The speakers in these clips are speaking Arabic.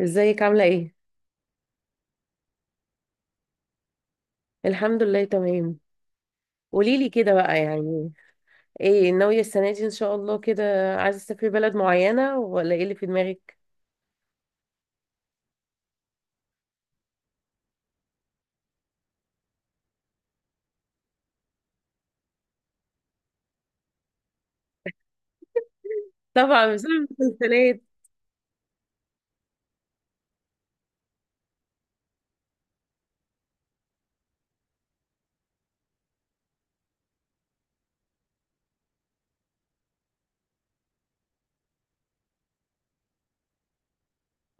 ازيك عاملة ايه؟ الحمد لله تمام. قوليلي كده بقى، يعني ايه ناوية السنة دي ان شاء الله كده؟ عايزة تسافري بلد معينة ولا ايه اللي في دماغك؟ طبعا بسبب المسلسلات.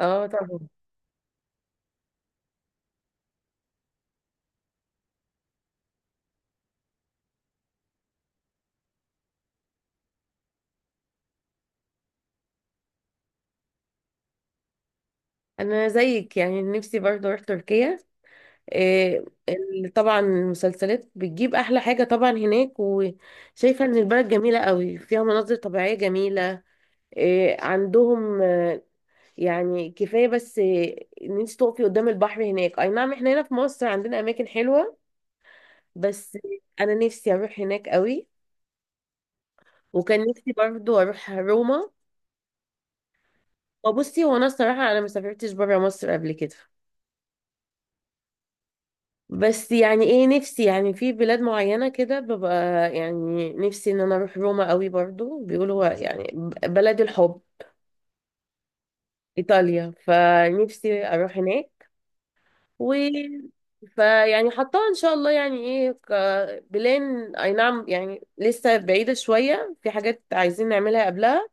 اه، طبعا. انا زيك، يعني نفسي برضه اروح تركيا. إيه، طبعا المسلسلات بتجيب احلى حاجة طبعا هناك، وشايفة ان البلد جميلة قوي، فيها مناظر طبيعية جميلة. إيه عندهم، يعني كفاية بس ان انت تقفي قدام البحر هناك. اي نعم، احنا هنا في مصر عندنا اماكن حلوة بس. انا نفسي اروح هناك قوي. وكان نفسي برضو اروح روما. وبصي، هو انا الصراحة انا ما سافرتش برا مصر قبل كده. بس يعني ايه، نفسي يعني في بلاد معينة كده ببقى، يعني نفسي ان انا اروح روما قوي، برضو بيقولوا يعني بلد الحب، ايطاليا، فنفسي اروح هناك و فيعني حطها ان شاء الله، يعني ايه، كبلان. اي نعم، يعني لسه بعيدة شوية، في حاجات عايزين نعملها قبلها.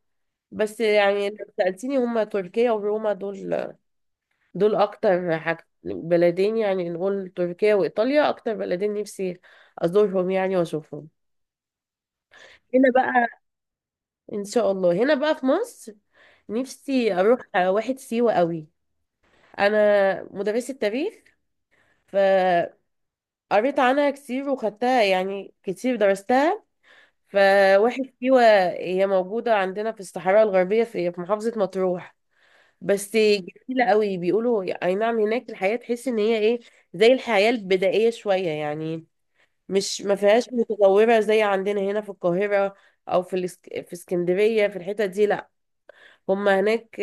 بس يعني لو سألتيني هما تركيا وروما دول اكتر حاجة بلدين، يعني نقول تركيا وايطاليا اكتر بلدين نفسي ازورهم، يعني واشوفهم. هنا بقى، ان شاء الله هنا بقى في مصر، نفسي اروح واحد سيوة قوي. انا مدرسة تاريخ، ف قريت عنها كتير، وخدتها يعني كتير، درستها. فواحد سيوة هي موجودة عندنا في الصحراء الغربية، في محافظة مطروح. بس جميلة قوي، بيقولوا اي نعم هناك، الحياة تحس ان هي ايه، زي الحياة البدائية شوية يعني. مش، ما فيهاش متطورة زي عندنا هنا في القاهرة، او في في اسكندرية، في الحتة دي، لا. هما هناك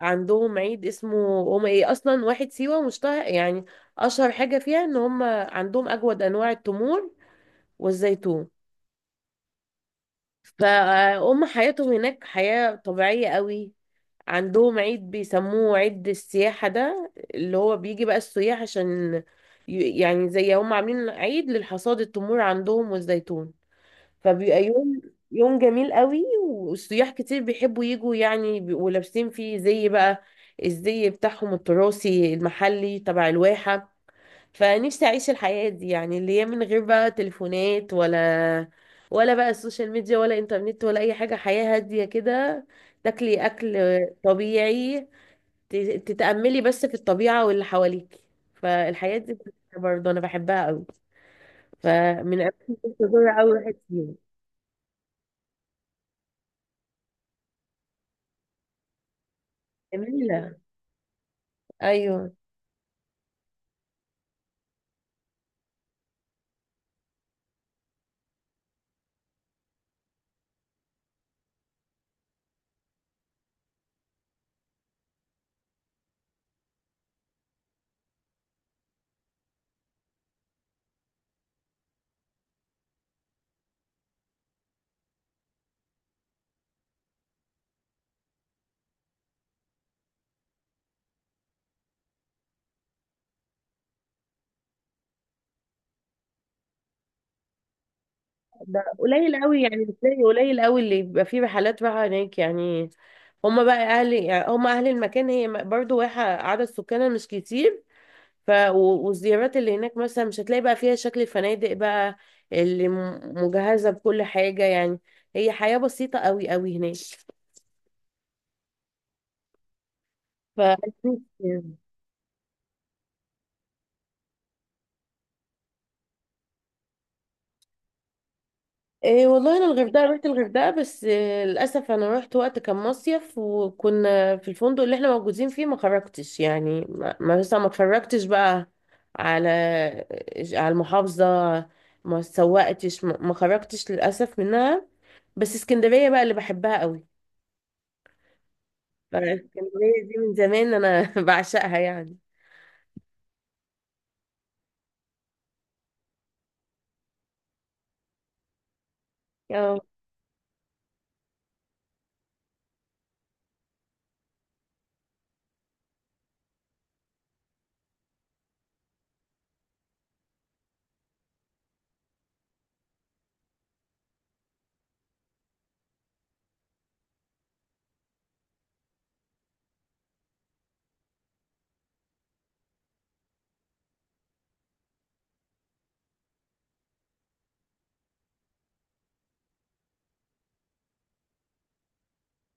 عندهم عيد اسمه هما ايه، اصلا واحد سيوة مشتهر يعني، اشهر حاجة فيها ان هما عندهم اجود انواع التمور والزيتون. فهم حياتهم هناك حياة طبيعية قوي. عندهم عيد بيسموه عيد السياحة، ده اللي هو بيجي بقى السياح عشان يعني زي هم عاملين عيد للحصاد التمور عندهم والزيتون. فبيبقى يوم جميل قوي، والسياح كتير بيحبوا يجوا، يعني بيبقوا لابسين فيه زي بقى الزي بتاعهم التراثي المحلي تبع الواحة. فنفسي اعيش الحياة دي، يعني اللي هي من غير بقى تليفونات، ولا بقى السوشيال ميديا، ولا انترنت، ولا اي حاجة، حياة هادية كده. تاكلي اكل طبيعي، ت- تتأملي بس في الطبيعة واللي حواليك. فالحياة دي برضه انا بحبها قوي. فمن اماكن كنت ازورها قوي واحد فيهم. جميلة. ايوه. ده قليل قوي، يعني بتلاقي قليل قوي اللي بيبقى فيه رحلات رايحة هناك يعني. هما بقى اهل، يعني هما اهل المكان، هي برضه واحة عدد سكانها مش كتير. والزيارات اللي هناك مثلا مش هتلاقي بقى فيها شكل الفنادق بقى اللي مجهزة بكل حاجة يعني. هي حياة بسيطة قوي قوي هناك، ف إيه والله انا الغردقه، رحت الغردقه، بس إيه للاسف انا رحت وقت كان مصيف، وكنا في الفندق اللي احنا موجودين فيه ما خرجتش، يعني ما ما- مثلا ما اتفرجتش بقى على على المحافظه. ما سوقتش، ما خرجتش للاسف منها. بس اسكندريه بقى اللي بحبها قوي. فالاسكندرية دي من زمان أنا بعشقها يعني. اه.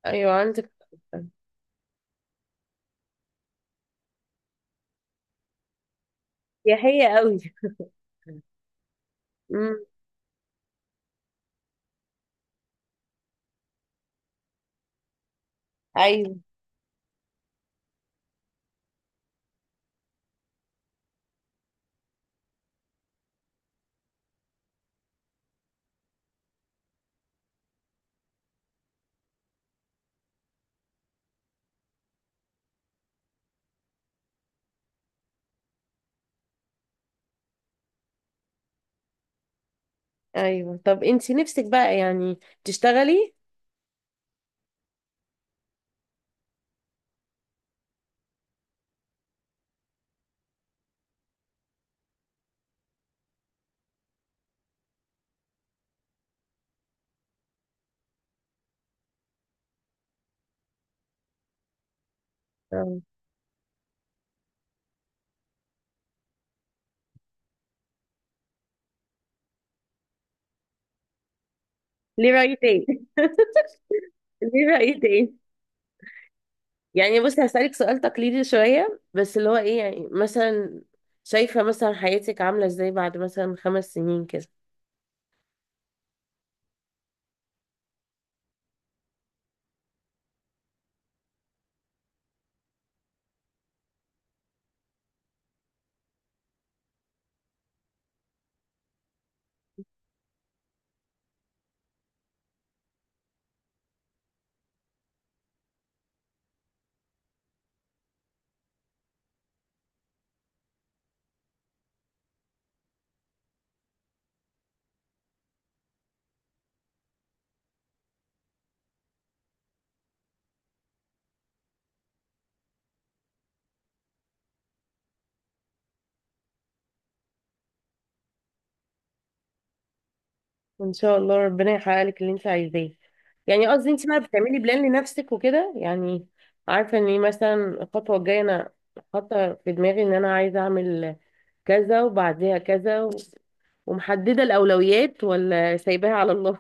أيوة عندك حق. سياحية قوي. امم. أيوة، أيوة. طب أنت نفسك بقى يعني تشتغلي؟ اه، ليه رأي تاني ليه رأي تاني يعني. بصي هسألك سؤال تقليدي شوية، بس اللي هو إيه يعني، مثلا شايفة مثلا حياتك عاملة إزاي بعد مثلا 5 سنين كده؟ ان شاء الله ربنا يحقق لك اللي انت عايزاه. يعني قصدي انت بقى بتعملي بلان لنفسك وكده يعني؟ عارفه ان ايه مثلا الخطوه الجايه، انا حاطه في دماغي ان انا عايزه اعمل كذا، وبعديها كذا، ومحدده الاولويات، ولا سايباها على الله؟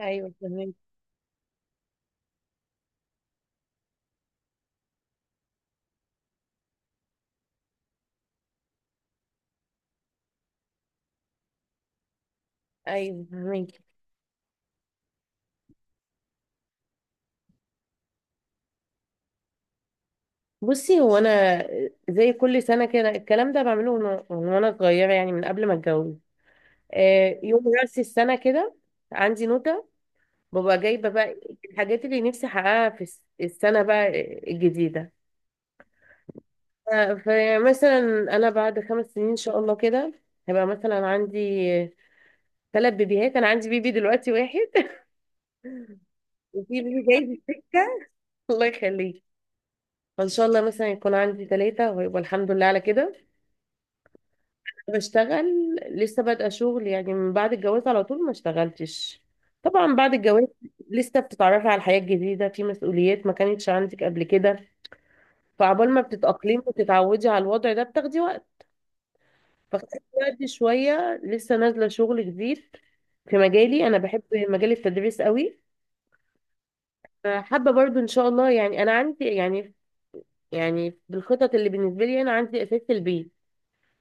ايوه فهمك. ايوه فهميكي. بصي هو انا زي كل سنه كده الكلام ده بعمله من وانا صغيره، يعني من قبل ما اتجوز. يوم راس السنه كده، عندي نوتة، ببقى جايبة بقى الحاجات اللي نفسي احققها في السنة بقى الجديدة. فمثلا انا بعد 5 سنين ان شاء الله كده هيبقى مثلا عندي ثلاث بيبيهات. انا عندي بيبي دلوقتي واحد وفي بيبي جاي في السكة. الله يخليك. فان شاء الله مثلا يكون عندي ثلاثة، ويبقى الحمد لله على كده. بشتغل لسه بادئة شغل يعني، من بعد الجواز على طول ما اشتغلتش. طبعا بعد الجواز لسه بتتعرفي على الحياة الجديدة، في مسؤوليات ما كانتش عندك قبل كده، فعبال ما بتتأقلمي وتتعودي على الوضع ده بتاخدي وقت. فاخدت وقت شوية، لسه نازلة شغل جديد في مجالي. أنا بحب مجال التدريس قوي. حابة برضو إن شاء الله، يعني أنا عندي يعني بالخطط اللي بالنسبة لي أنا عندي أساس البيت،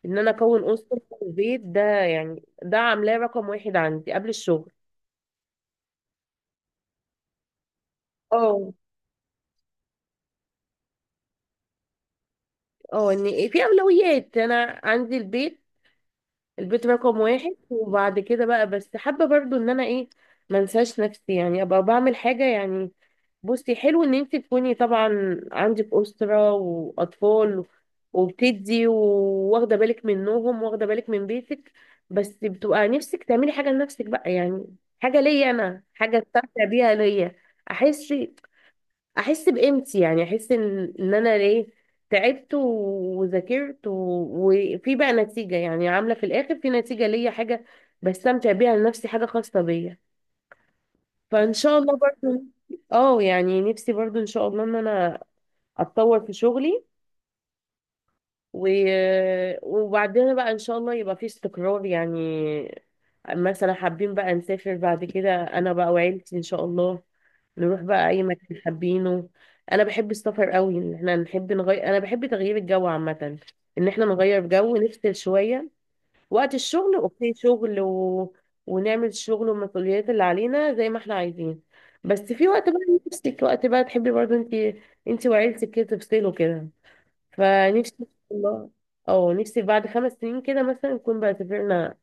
إن أنا أكون أسرة في البيت ده، يعني ده عاملاه رقم واحد عندي قبل الشغل. اه اه. إن في أولويات أنا عندي البيت، البيت رقم واحد، وبعد كده بقى. بس حابة برضو إن أنا إيه، منساش نفسي يعني، ابقى بعمل حاجه يعني. بصي حلو ان انت تكوني طبعا عندك اسره واطفال، وبتدي واخده بالك منهم، واخده بالك من بيتك. بس بتبقى نفسك تعملي حاجه لنفسك بقى، يعني حاجه ليا انا، حاجه استمتع بيها ليا. احس احس بقيمتي، يعني احس ان انا ليه تعبت وذاكرت وفي بقى نتيجه، يعني عامله في الاخر في نتيجه ليا حاجه بستمتع بيها لنفسي، حاجه خاصه بيا. فان شاء الله برضو. اه يعني نفسي برضو ان شاء الله ان انا اتطور في شغلي، و... وبعدها بقى ان شاء الله يبقى في استقرار يعني. مثلا حابين بقى نسافر بعد كده، انا بقى وعيلتي ان شاء الله، نروح بقى اي مكان حابينه. انا بحب السفر قوي، ان احنا نحب نغير، انا بحب تغيير الجو عامة، ان احنا نغير جو نفصل شوية. وقت الشغل اوكي شغل، ونعمل الشغل والمسؤوليات اللي علينا زي ما احنا عايزين. بس في وقت بقى، نفسك وقت بقى تحبي برضو انت وعيلتك كده تفصلوا كده. فنفسي والله. او نفسي بعد 5 سنين كده مثلا نكون بقى سافرنا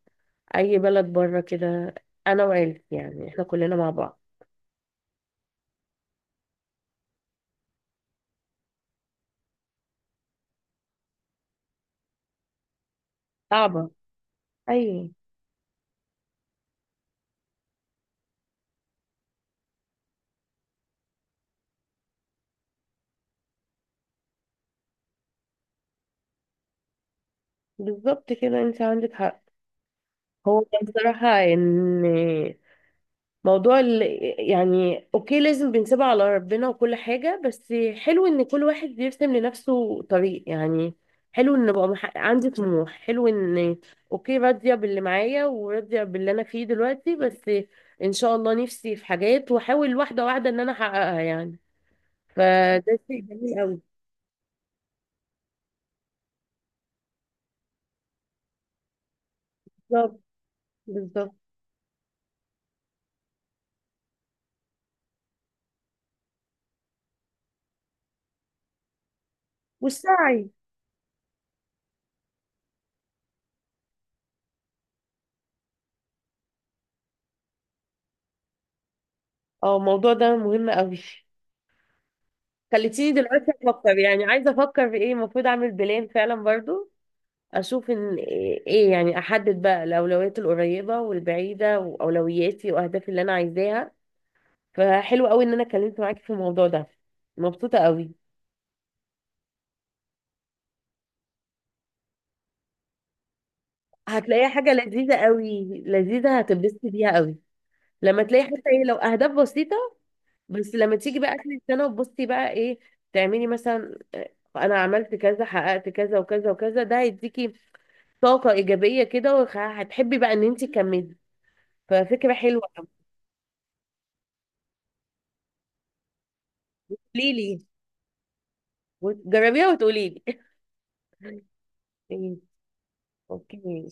اي بلد بره كده، انا وعيلتي، يعني احنا كلنا مع بعض. صعبة. ايوه بالظبط كده، انت عندك حق. هو بصراحة ان موضوع يعني اوكي، لازم بنسيبها على ربنا وكل حاجة. بس حلو ان كل واحد بيرسم لنفسه طريق يعني. حلو ان بقى عندي طموح. حلو ان اوكي راضية باللي معايا وراضية باللي انا فيه دلوقتي، بس ان شاء الله نفسي في حاجات واحاول واحدة واحدة ان انا احققها يعني. فده شيء جميل قوي. بالظبط. بالظبط. والسعي. اه، الموضوع ده مهم قوي. خليتيني دلوقتي افكر يعني، عايزة افكر في ايه المفروض اعمل بلان فعلا برضو، اشوف ان ايه يعني، احدد بقى الاولويات القريبه والبعيده واولوياتي واهدافي اللي انا عايزاها. فحلو قوي ان انا اتكلمت معاكي في الموضوع ده. مبسوطه قوي. هتلاقيها حاجه لذيذه قوي، لذيذه هتتبسطي بيها قوي. لما تلاقي حتى ايه، لو اهداف بسيطه، بس لما تيجي بقى اخر السنه وتبصي بقى ايه تعملي مثلا، انا عملت كذا حققت كذا وكذا وكذا، ده هيديكي طاقه ايجابيه كده، وهتحبي بقى ان انت تكملي. ففكره حلوه. قولي لي جربيها وتقولي لي. اوكي.